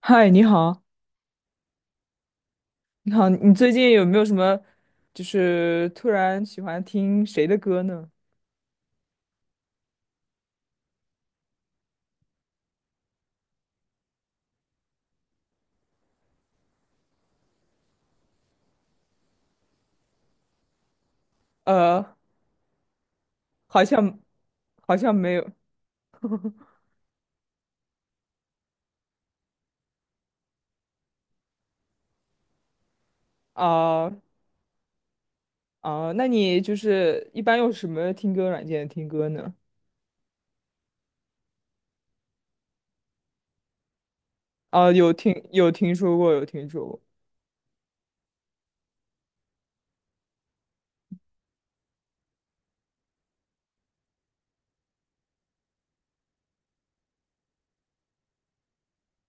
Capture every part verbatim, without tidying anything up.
嗨，你好。你好，你最近有没有什么，就是突然喜欢听谁的歌呢？呃，好像好像没有。啊，啊，那你就是一般用什么听歌软件听歌呢？啊，有听有听说过，有听说过。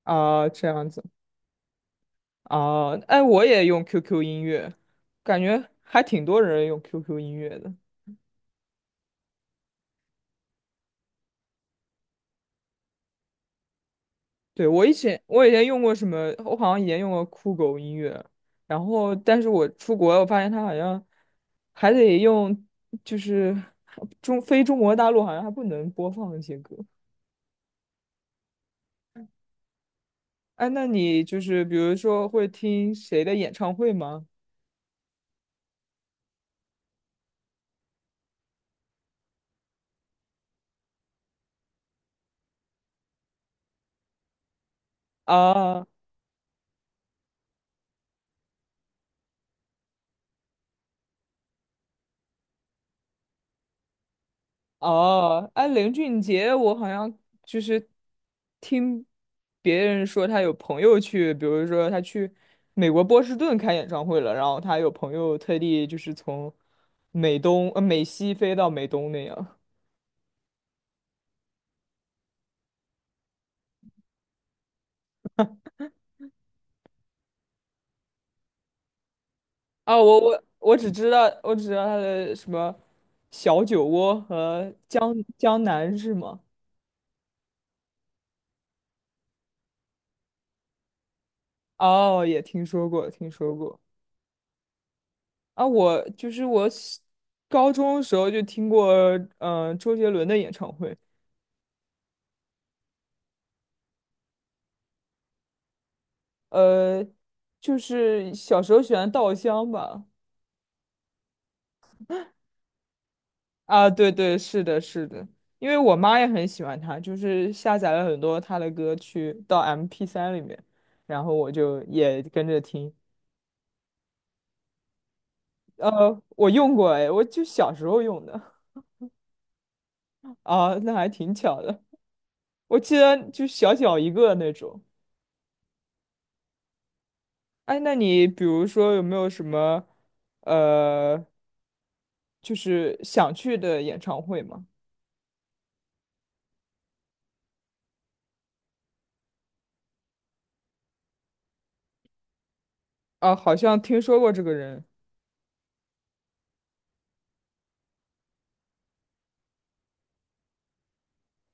啊，这样子。啊，哎，我也用 Q Q 音乐，感觉还挺多人用 Q Q 音乐的。对，我以前我以前用过什么，我好像以前用过酷狗音乐。然后但是我出国，我发现它好像还得用，就是中非中国大陆好像还不能播放那些歌。哎，那你就是比如说会听谁的演唱会吗？啊哦，哎，林俊杰，我好像就是听别人说他有朋友去，比如说他去美国波士顿开演唱会了，然后他有朋友特地就是从美东呃美西飞到美东那样。啊，我我我只知道我只知道他的什么小酒窝和江江南是吗？哦，也听说过，听说过。啊，我就是我小高中的时候就听过，嗯、周杰伦的演唱会。呃，就是小时候喜欢稻香吧。啊，对对，是的，是的，因为我妈也很喜欢他，就是下载了很多他的歌曲到 m p 三里面，然后我就也跟着听。呃，我用过。哎，我就小时候用的。啊，那还挺巧的。我记得就小小一个那种。哎，那你比如说有没有什么呃，就是想去的演唱会吗？啊，好像听说过这个人。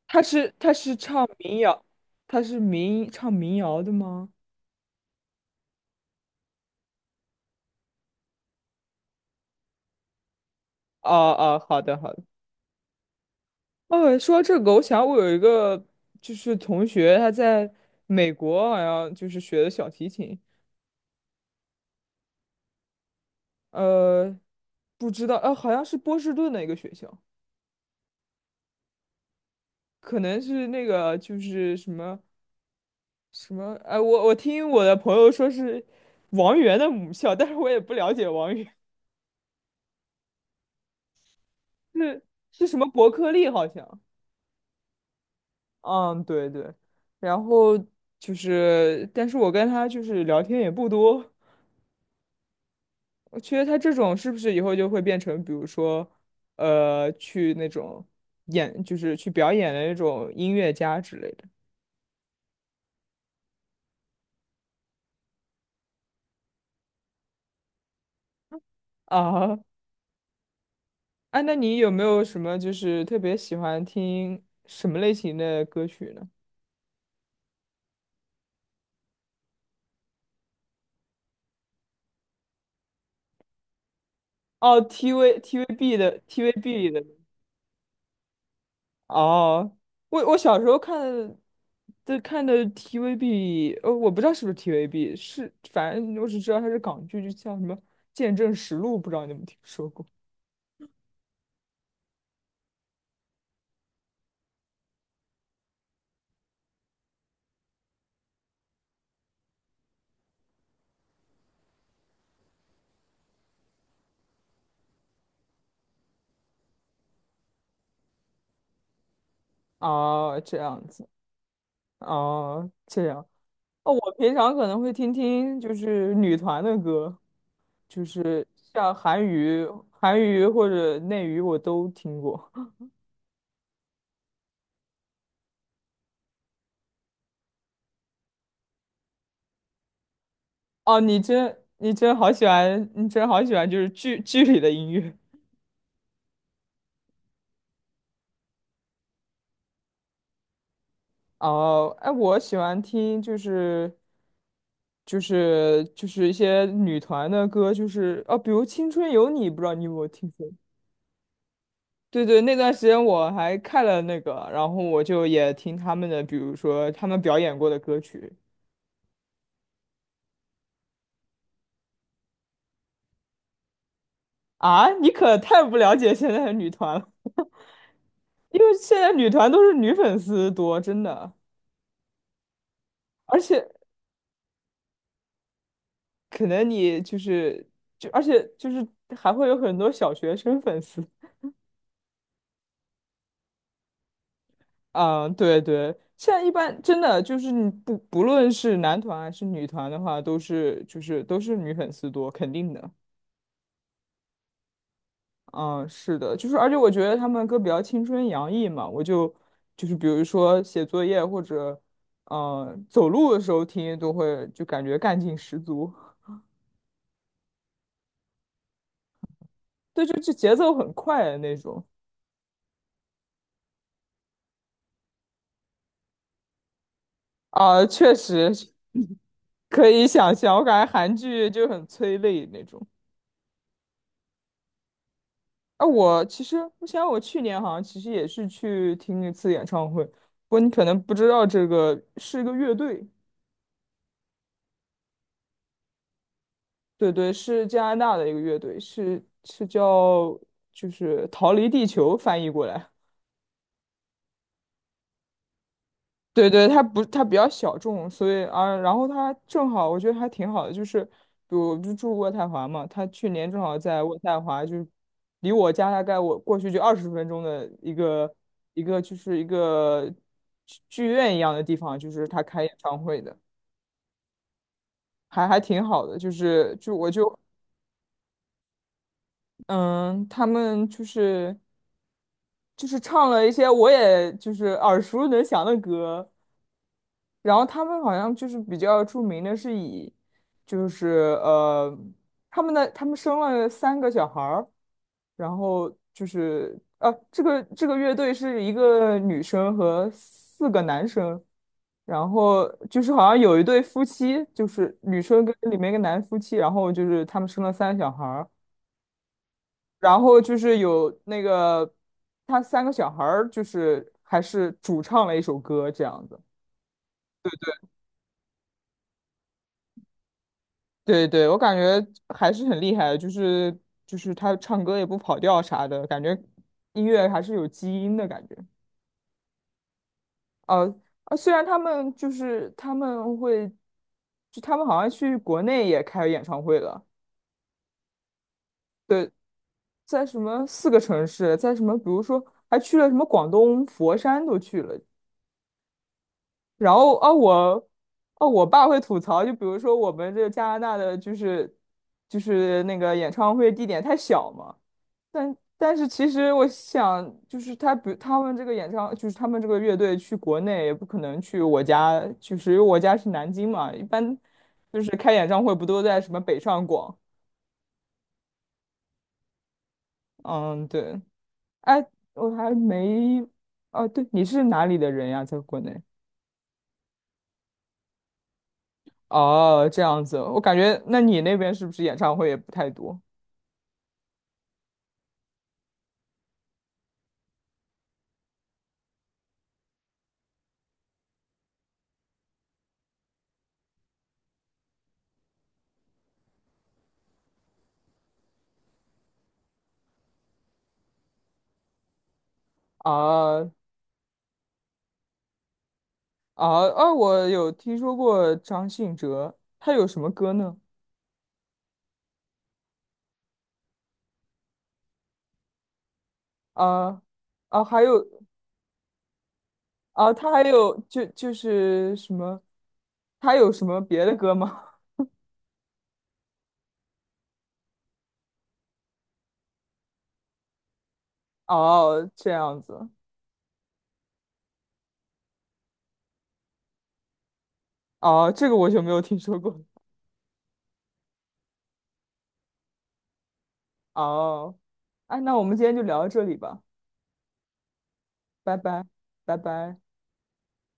他是他是唱民谣，他是民唱民谣的吗？哦哦，好的好的。哦，说到这个，我想我有一个就是同学，他在美国好像就是学的小提琴。呃，不知道。呃，好像是波士顿的一个学校，可能是那个就是什么什么。哎、我我听我的朋友说是王源的母校，但是我也不了解王源。是是什么伯克利好像。嗯，对对，然后就是，但是我跟他就是聊天也不多。我觉得他这种是不是以后就会变成，比如说，呃，去那种演，就是去表演的那种音乐家之类的。啊？哎，那你有没有什么就是特别喜欢听什么类型的歌曲呢？哦，TV TVB 的 TVB 的。哦，我我小时候看的，就看的 TVB。呃，我不知道是不是 T V B，是反正我只知道它是港剧，就叫什么《见证实录》，不知道你有没有听说过？哦，这样子。哦，这样。哦，我平常可能会听听就是女团的歌，就是像韩娱、韩娱或者内娱我都听过。哦，你真你真好喜欢，你真好喜欢就是剧剧里的音乐。哦，哎，我喜欢听就是就是就是一些女团的歌，就是哦，比如《青春有你》，不知道你有没有听过？对对，那段时间我还看了那个，然后我就也听他们的，比如说他们表演过的歌曲。啊。你可太不了解现在的女团了，因为现在女团都是女粉丝多，真的，而且可能你就是就而且就是还会有很多小学生粉丝。嗯，对对，现在一般真的就是你不不论是男团还是女团的话，都是就是都是女粉丝多，肯定的。嗯，是的，就是而且我觉得他们歌比较青春洋溢嘛，我就就是比如说写作业或者嗯走路的时候听，都会就感觉干劲十足。对，就就节奏很快的那种。啊，确实 可以想象，我感觉韩剧就很催泪那种。啊，我其实我想我去年好像其实也是去听一次演唱会，不过你可能不知道这个是一个乐队。对对，是加拿大的一个乐队，是是叫就是逃离地球翻译过来。对对，他不，他比较小众，所以啊，然后他正好，我觉得还挺好的，就是比如我不住渥太华嘛，他去年正好在渥太华，就是离我家大概我过去就二十分钟的一个一个就是一个剧剧院一样的地方，就是他开演唱会的。还还挺好的，就是就我就嗯，他们就是就是唱了一些我也就是耳熟能详的歌，然后他们好像就是比较著名的是以，就是呃，他们的他们生了三个小孩儿。然后就是呃，这个这个乐队是一个女生和四个男生，然后就是好像有一对夫妻，就是女生跟里面一个男夫妻，然后就是他们生了三个小孩儿，然后就是有那个他三个小孩儿就是还是主唱了一首歌这样子。对对，我感觉还是很厉害的，就是就是他唱歌也不跑调啥的，感觉音乐还是有基因的感觉。呃啊，虽然他们就是他们会，就他们好像去国内也开演唱会了。对，在什么四个城市，在什么比如说还去了什么广东佛山都去了。然后啊，我啊，我爸会吐槽，就比如说我们这加拿大的就是就是那个演唱会地点太小嘛。但但是其实我想，就是他比他们这个演唱，就是他们这个乐队去国内也不可能去我家，就是因为我家是南京嘛，一般就是开演唱会不都在什么北上广？嗯，对。哎，我还没。哦，对，你是哪里的人呀？在国内？哦，这样子，我感觉那你那边是不是演唱会也不太多？啊啊啊！我有听说过张信哲，他有什么歌呢？啊啊，还有。啊，他还有就就是什么，他有什么别的歌吗？哦，这样子。哦，这个我就没有听说过。哦，哎，那我们今天就聊到这里吧，拜拜，拜拜。